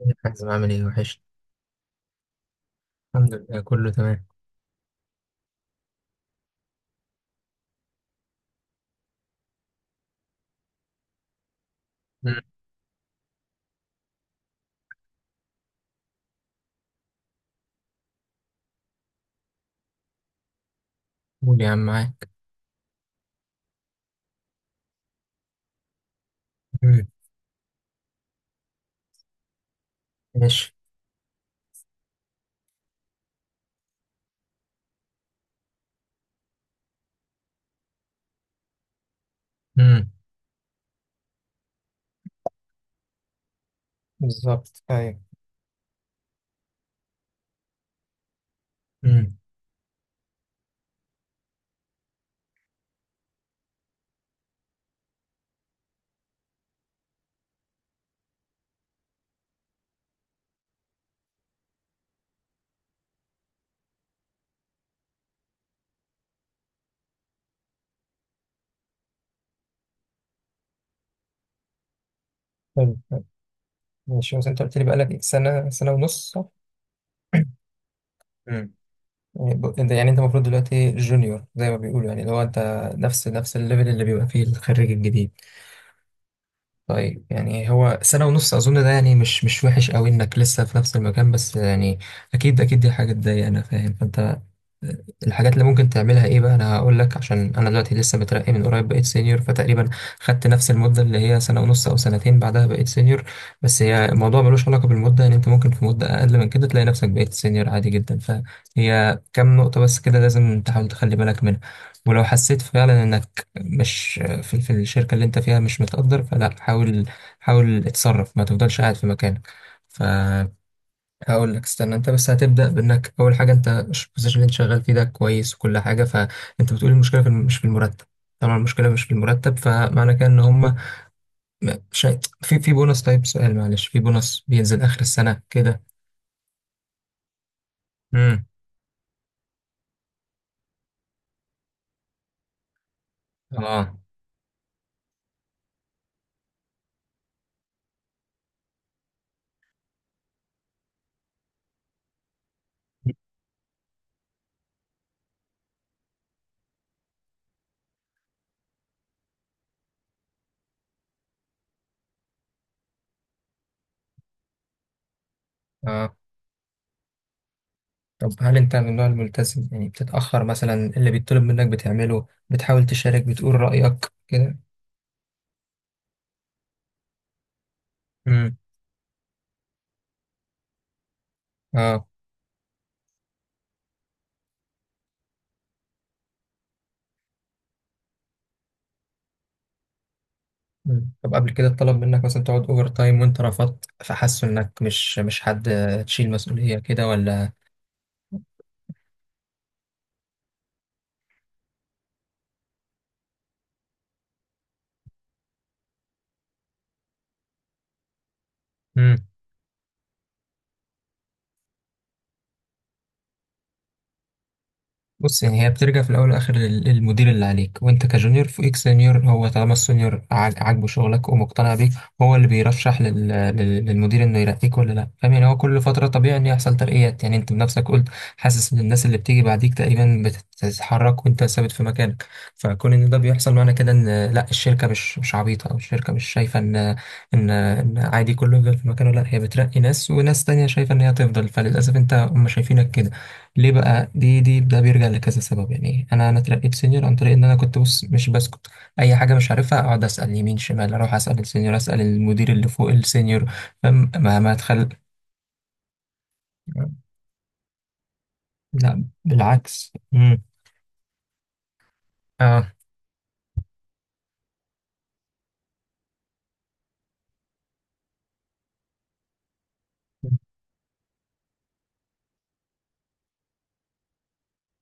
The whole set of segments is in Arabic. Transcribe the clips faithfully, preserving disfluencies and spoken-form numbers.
يا حازم، عامل ايه وحش. الحمد لله كله تمام. مم. قول يا عم، معاك. مم. ماشي. مم. بالظبط ايوه. مم. حلو حلو. ماشي، بس انت قلت لي بقالك إيه؟ سنه سنه ونص صح؟ مم. يعني ب- أنت- يعني انت المفروض دلوقتي جونيور زي ما بيقولوا، يعني اللي هو انت نفس نفس الليفل اللي بيبقى فيه الخريج الجديد. طيب، يعني هو سنة ونص أظن، ده يعني مش مش وحش أوي إنك لسه في نفس المكان، بس يعني أكيد أكيد دي حاجة تضايق، أنا فاهم. فأنت، آه، الحاجات اللي ممكن تعملها إيه بقى. أنا هقول لك، عشان أنا دلوقتي لسه مترقي من قريب، بقيت سينيور فتقريبا خدت نفس المدة اللي هي سنة ونص أو سنتين، بعدها بقيت سينيور. بس هي الموضوع ملوش علاقة بالمدة، يعني أنت ممكن في مدة أقل من كده تلاقي نفسك بقيت سينيور عادي جدا. فهي كام نقطة بس كده لازم تحاول تخلي بالك منها. ولو حسيت فعلا انك مش في في الشركة اللي انت فيها، مش متقدر، فلا، حاول. حاول اتصرف، ما تفضلش قاعد في مكانك. فهقول لك، استنى انت بس. هتبدأ بانك اول حاجة انت البوزيشن اللي انت شغال فيه ده كويس، وكل حاجة، فانت بتقول المشكلة في الم- مش في المرتب. طبعا المشكلة مش في المرتب، فمعنى كده ان هم شيء في في بونص. طيب سؤال معلش، في بونص بينزل اخر السنة كده؟ امم. اه. اه، طب هل انت من النوع الملتزم؟ يعني بتتأخر مثلا؟ اللي بيطلب منك بتعمله؟ بتحاول تشارك؟ بتقول رأيك كده؟ امم. اه. مم. طب قبل كده اتطلب منك مثلا تقعد اوفر تايم وانت رفضت فحسوا انك مش، مش حد تشيل مسؤولية كده ولا؟ امم. بص، يعني هي بترجع في الاول والاخر لل- للمدير اللي عليك، وانت كجونيور فوقيك سينيور، هو طالما السينيور عاج- عاجبه شغلك ومقتنع بيك، هو اللي بيرشح لل... لل- للمدير انه يرقيك ولا لا. فاهم يعني؟ هو كل فتره طبيعي ان يحصل ترقيات، يعني انت بنفسك قلت حاسس ان الناس اللي بتيجي بعديك تقريبا بتتحرك وانت ثابت في مكانك. فكون ان ده بيحصل، معنى كده ان لا، الشركه مش مش عبيطه، او الشركه مش شايفه ان ان ان عادي كله يفضل في مكانه. لا، هي بترقي ناس، وناس تانية شايفه ان هي تفضل، فللاسف انت هم شايفينك كده. ليه بقى؟ دي دي ده بيرجع لكذا سبب. يعني انا انا اترقيت سينيور عن طريق ان انا كنت بص مش بسكت. اي حاجه مش عارفها اقعد اسال يمين شمال، اروح اسال السينيور، اسال المدير اللي فوق السينيور. فاهم؟ ما ما اتخل. لا بالعكس. امم. اه.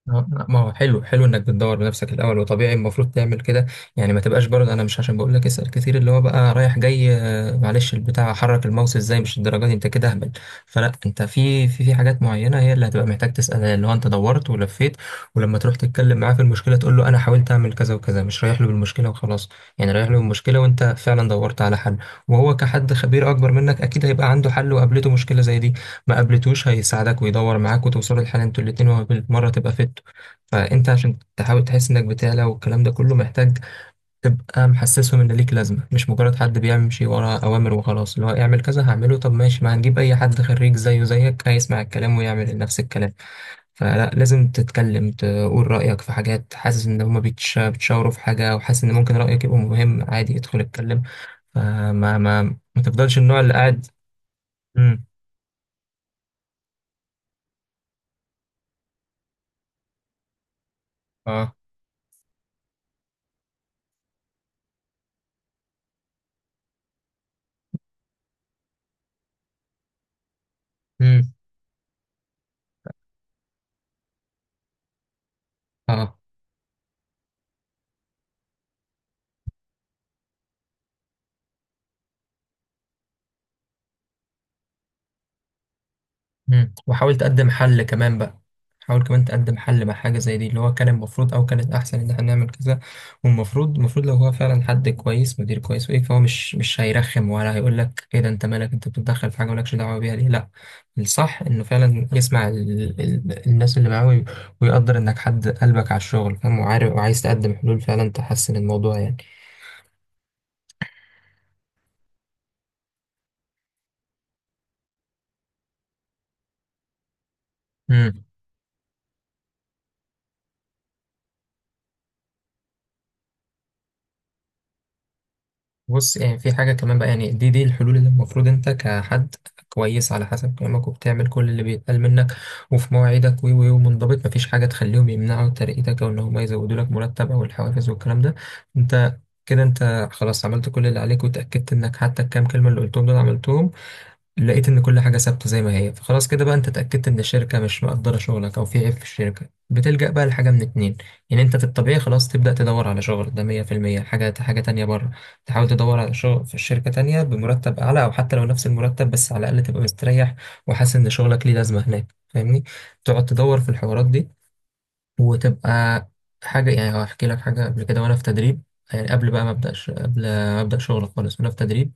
اه، لا، ما هو حلو حلو انك بتدور بنفسك الاول، وطبيعي المفروض تعمل كده. يعني ما تبقاش برضه، انا مش عشان بقول لك اسال كتير اللي هو بقى رايح جاي، آه، معلش البتاع حرك الماوس ازاي، مش الدرجه دي، انت كده اهبل. فلا، انت في في في حاجات معينه هي اللي هتبقى محتاج تسالها، اللي هو انت دورت ولفيت، ولما تروح تتكلم معاه في المشكله تقول له انا حاولت اعمل كذا وكذا، مش رايح له بالمشكله وخلاص. يعني رايح له بالمشكله وانت فعلا دورت على حل، وهو كحد خبير اكبر منك اكيد هيبقى عنده حل، وقابلته مشكله زي دي، ما قابلتوش هيساعدك ويدور معاك وتوصلوا لحل انتوا الاتنين، وبالمرة تبقى فت. فانت عشان تحاول تحس انك بتعلى والكلام ده كله، محتاج تبقى محسسهم ان ليك لازمة، مش مجرد حد بيمشي ورا اوامر وخلاص، اللي هو اعمل كذا هعمله. طب ماشي، ما هنجيب اي حد خريج زيه زيك هيسمع الكلام ويعمل نفس الكلام. فلا، لازم تتكلم، تقول رأيك في حاجات حاسس ان هما بيتش- بيتشاوروا في حاجة وحاسس ان ممكن رأيك يبقى مهم، عادي ادخل اتكلم. فما ما ما تفضلش النوع اللي قاعد. امم. اه. امم. اه. مم. وحاول تقدم حل كمان بقى. حاول كمان تقدم حل مع حاجة زي دي، اللي هو كان المفروض أو كانت أحسن إن احنا نعمل كذا. والمفروض، المفروض لو هو فعلا حد كويس، مدير كويس وإيه، فهو مش مش هيرخم ولا هيقول لك إيه ده، أنت مالك، أنت بتتدخل في حاجة مالكش دعوة بيها ليه. لأ، الصح إنه فعلا يسمع ال... ال... الناس اللي معاه، وي- ويقدر إنك حد قلبك على الشغل، فاهم وعارف وعايز تقدم حلول فعلا تحسن الموضوع يعني. بص يعني، في حاجة كمان بقى. يعني دي دي الحلول اللي المفروض انت كحد كويس على حسب كلامك، وبتعمل كل اللي بيتقال منك، وفي مواعيدك و و ومنضبط، مفيش حاجة تخليهم يمنعوا ترقيتك او ان هم يزودوا لك مرتب او الحوافز والكلام ده. انت كده انت خلاص عملت كل اللي عليك، وتأكدت انك حتى الكام كلمة اللي قلتهم دول عملتهم، لقيت ان كل حاجه ثابته زي ما هي، فخلاص كده بقى انت اتاكدت ان الشركه مش مقدره شغلك، او في عيب في الشركه. بتلجأ بقى لحاجه من اتنين. يعني انت في الطبيعي خلاص تبدأ تدور على شغل ده مية بالمية. حاجه، حاجه تانية، بره تحاول تدور على شغل في الشركه تانية بمرتب اعلى، او حتى لو نفس المرتب بس على الاقل تبقى مستريح وحاسس ان شغلك ليه لازمه هناك، فاهمني؟ تقعد تدور في الحوارات دي وتبقى حاجة. يعني هحكي لك حاجة قبل كده وأنا في تدريب. يعني قبل بقى ما أبدأش، قبل ما أبدأ شغل خالص وأنا في تدريب،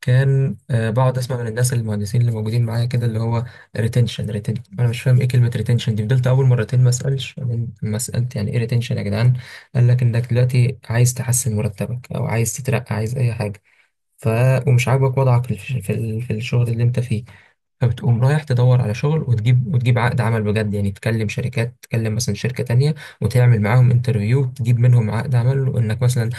كان آه، بقعد أسمع من الناس المهندسين اللي موجودين معايا كده اللي هو ريتنشن ريتنشن. أنا مش فاهم إيه كلمة ريتنشن دي، فضلت أول مرتين ما أسألش. بعدين لما سألت يعني إيه ريتنشن يا جدعان، قال لك إنك دلوقتي عايز تحسن مرتبك أو عايز تترقى، عايز أي حاجة، ف، ومش عاجبك وضعك في في في الشغل اللي أنت فيه، فبتقوم رايح تدور على شغل وتجيب، وتجيب عقد عمل بجد يعني، تكلم شركات، تكلم مثلا شركة تانية وتعمل معاهم انترفيو، تجيب منهم عقد عمل، وانك مثلا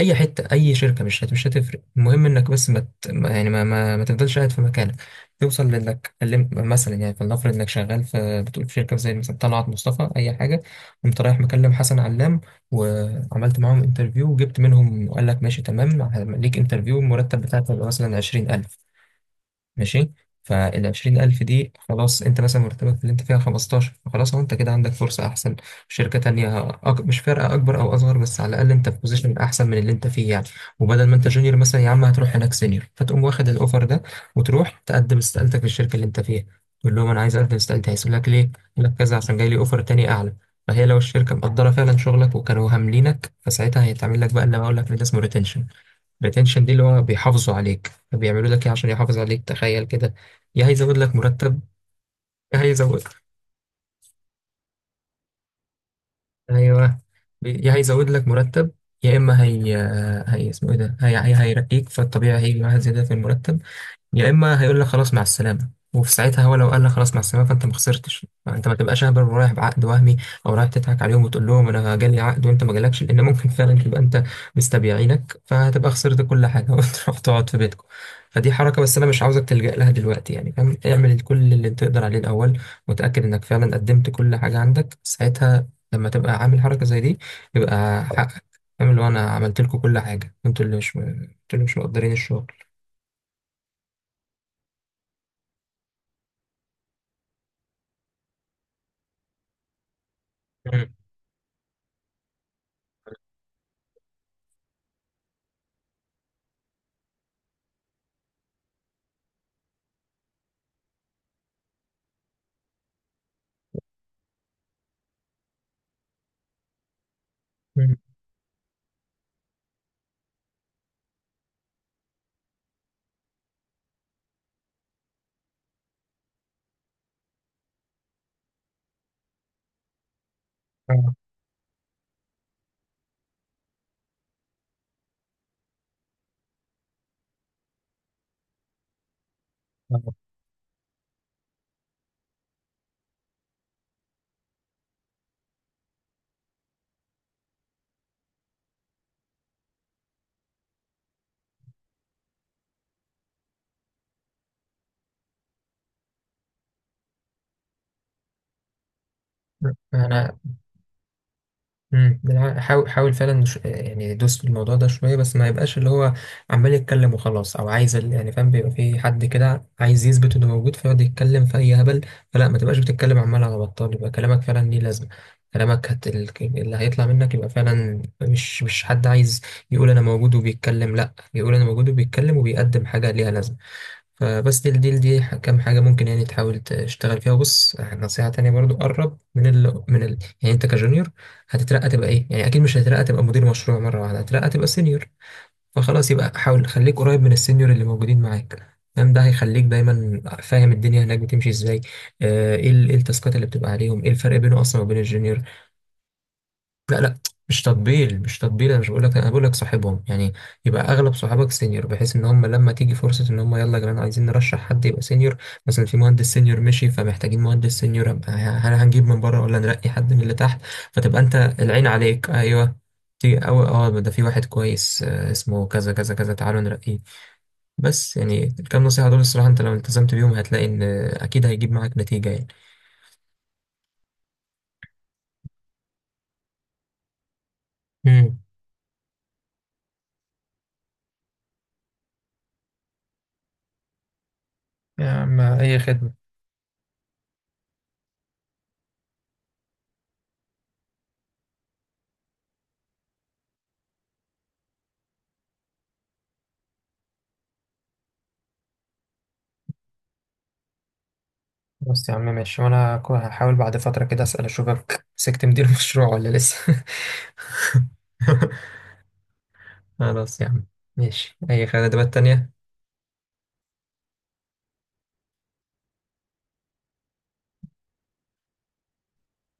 اي حتة، اي شركة، مش هت- مش هتفرق، المهم انك بس ما ت- ما- يعني ما ما, ما تفضلش قاعد في مكانك. توصل لانك كلمت مثلا، يعني فلنفرض انك شغال في، بتقول في شركة زي مثلا طلعت مصطفى، اي حاجة، قمت رايح مكلم حسن علام، وعملت معاهم انترفيو وجبت منهم، وقال لك ماشي تمام، ليك انترفيو، المرتب بتاعك هيبقى مثلا عشرين الف. ماشي. فال عشرين الف دي، خلاص انت مثلا مرتبك في اللي انت فيها خمستاشر، فخلاص هو انت كده عندك فرصة احسن في شركة تانية. أك... مش فارقة اكبر او اصغر، بس على الاقل انت في بوزيشن احسن من اللي انت فيه يعني. وبدل ما انت جونيور مثلا يا عم، هتروح هناك سينيور، فتقوم واخد الاوفر ده وتروح تقدم استقالتك للشركة اللي انت فيها. تقول لهم انا عايز اقدم استقالتي. هيسألوا لك ليه؟ يقول لك كذا عشان جاي لي اوفر تاني اعلى. فهي لو الشركة مقدرة فعلا شغلك وكانوا هاملينك، فساعتها هيتعمل لك بقى اللي بقول لك، اللي ده اسمه ريتنشن. الريتنشن دي اللي هو بيحافظوا عليك، بيعملوا لك ايه عشان يحافظ عليك؟ تخيل كده. يا هيزود لك مرتب. يا هيزود. ايوه. بي- يا هيزود لك مرتب، يا اما هي هي اسمه ايه ده، هي هي هيرقيك، فالطبيعي هيجي معاها زياده في المرتب. يا اما هيقول لك خلاص مع السلامه، وفي ساعتها هو لو قال لك خلاص مع السلامه، فانت ما خسرتش، فانت ما تبقاش اهبل ورايح بعقد وهمي او رايح تضحك عليهم وتقول لهم انا جالي عقد وانت ما جالكش، لان ممكن فعلا تبقى انت مستبيعينك فهتبقى خسرت كل حاجه وتروح تقعد في بيتكم. فدي حركه بس انا مش عاوزك تلجأ لها دلوقتي يعني، فاهم؟ اعمل كل اللي تقدر عليه الاول، وتاكد انك فعلا قدمت كل حاجه عندك، ساعتها لما تبقى عامل حركه زي دي يبقى حقك، فاهم؟ اللي هو انا عملت لكم كل حاجه، انتوا اللي مش انتوا اللي مش مقدرين الشغل. مم. مم. انا مم، بالع- حاول حاول فعلا، ش- يعني دوس في الموضوع ده شويه، بس ما يبقاش اللي هو عمال يتكلم وخلاص، او عايز ال- يعني فاهم، بيبقى في حد كده عايز يثبت انه موجود فيقعد يتكلم في اي هبل. فلا، ما تبقاش بتتكلم عمال على بطال، يبقى كلامك فعلا ليه لازمه. كلامك هت... ال- اللي هيطلع منك يبقى فعلا مش مش حد عايز يقول انا موجود وبيتكلم، لا، يقول انا موجود وبيتكلم وبيقدم حاجه ليها لازمه. فبس دي دي دي ح- كام حاجة ممكن يعني تحاول تشتغل فيها. وبص نصيحة تانية برضو، قرب من ال من ال يعني انت كجونيور هتترقى تبقى ايه؟ يعني اكيد مش هتترقى تبقى مدير مشروع مرة واحدة، هتترقى تبقى سينيور. فخلاص، يبقى حاول خليك قريب من السينيور اللي موجودين معاك، فاهم؟ ده هيخليك دايما فاهم الدنيا هناك بتمشي ازاي، آه، ايه ال- إيه التاسكات اللي بتبقى عليهم، ايه الفرق بينه اصلا وبين الجونيور. لا لا، مش تطبيل، مش تطبيل، انا مش بقول لك، انا بقول لك صاحبهم يعني. يبقى اغلب صحابك سينيور، بحيث ان هم لما تيجي فرصه ان هم يلا يا جماعه عايزين نرشح حد يبقى سينيور، مثلا في مهندس سينيور مشي فمحتاجين مهندس سينيور، أبقى هل هنجيب من بره ولا نرقي حد من اللي تحت، فتبقى انت العين عليك. ايوه تيجي أو اه ده في واحد كويس آه، اسمه كذا كذا كذا، تعالوا نرقيه. بس يعني الكام نصيحه دول الصراحه انت لو التزمت بيهم هتلاقي ان اكيد هيجيب معاك نتيجه يعني. امم. يا عم أي خدمة. بص يا عم، ماشي، وانا كو- هحاول بعد فترة كده اسأل اشوفك مسكت مدير مشروع ولا لسه. خلاص يا عم. ماشي، اي خدمات تانية.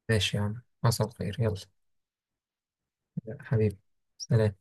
ماشي يا عم، حصل خير، يلا. حبيبي. سلام.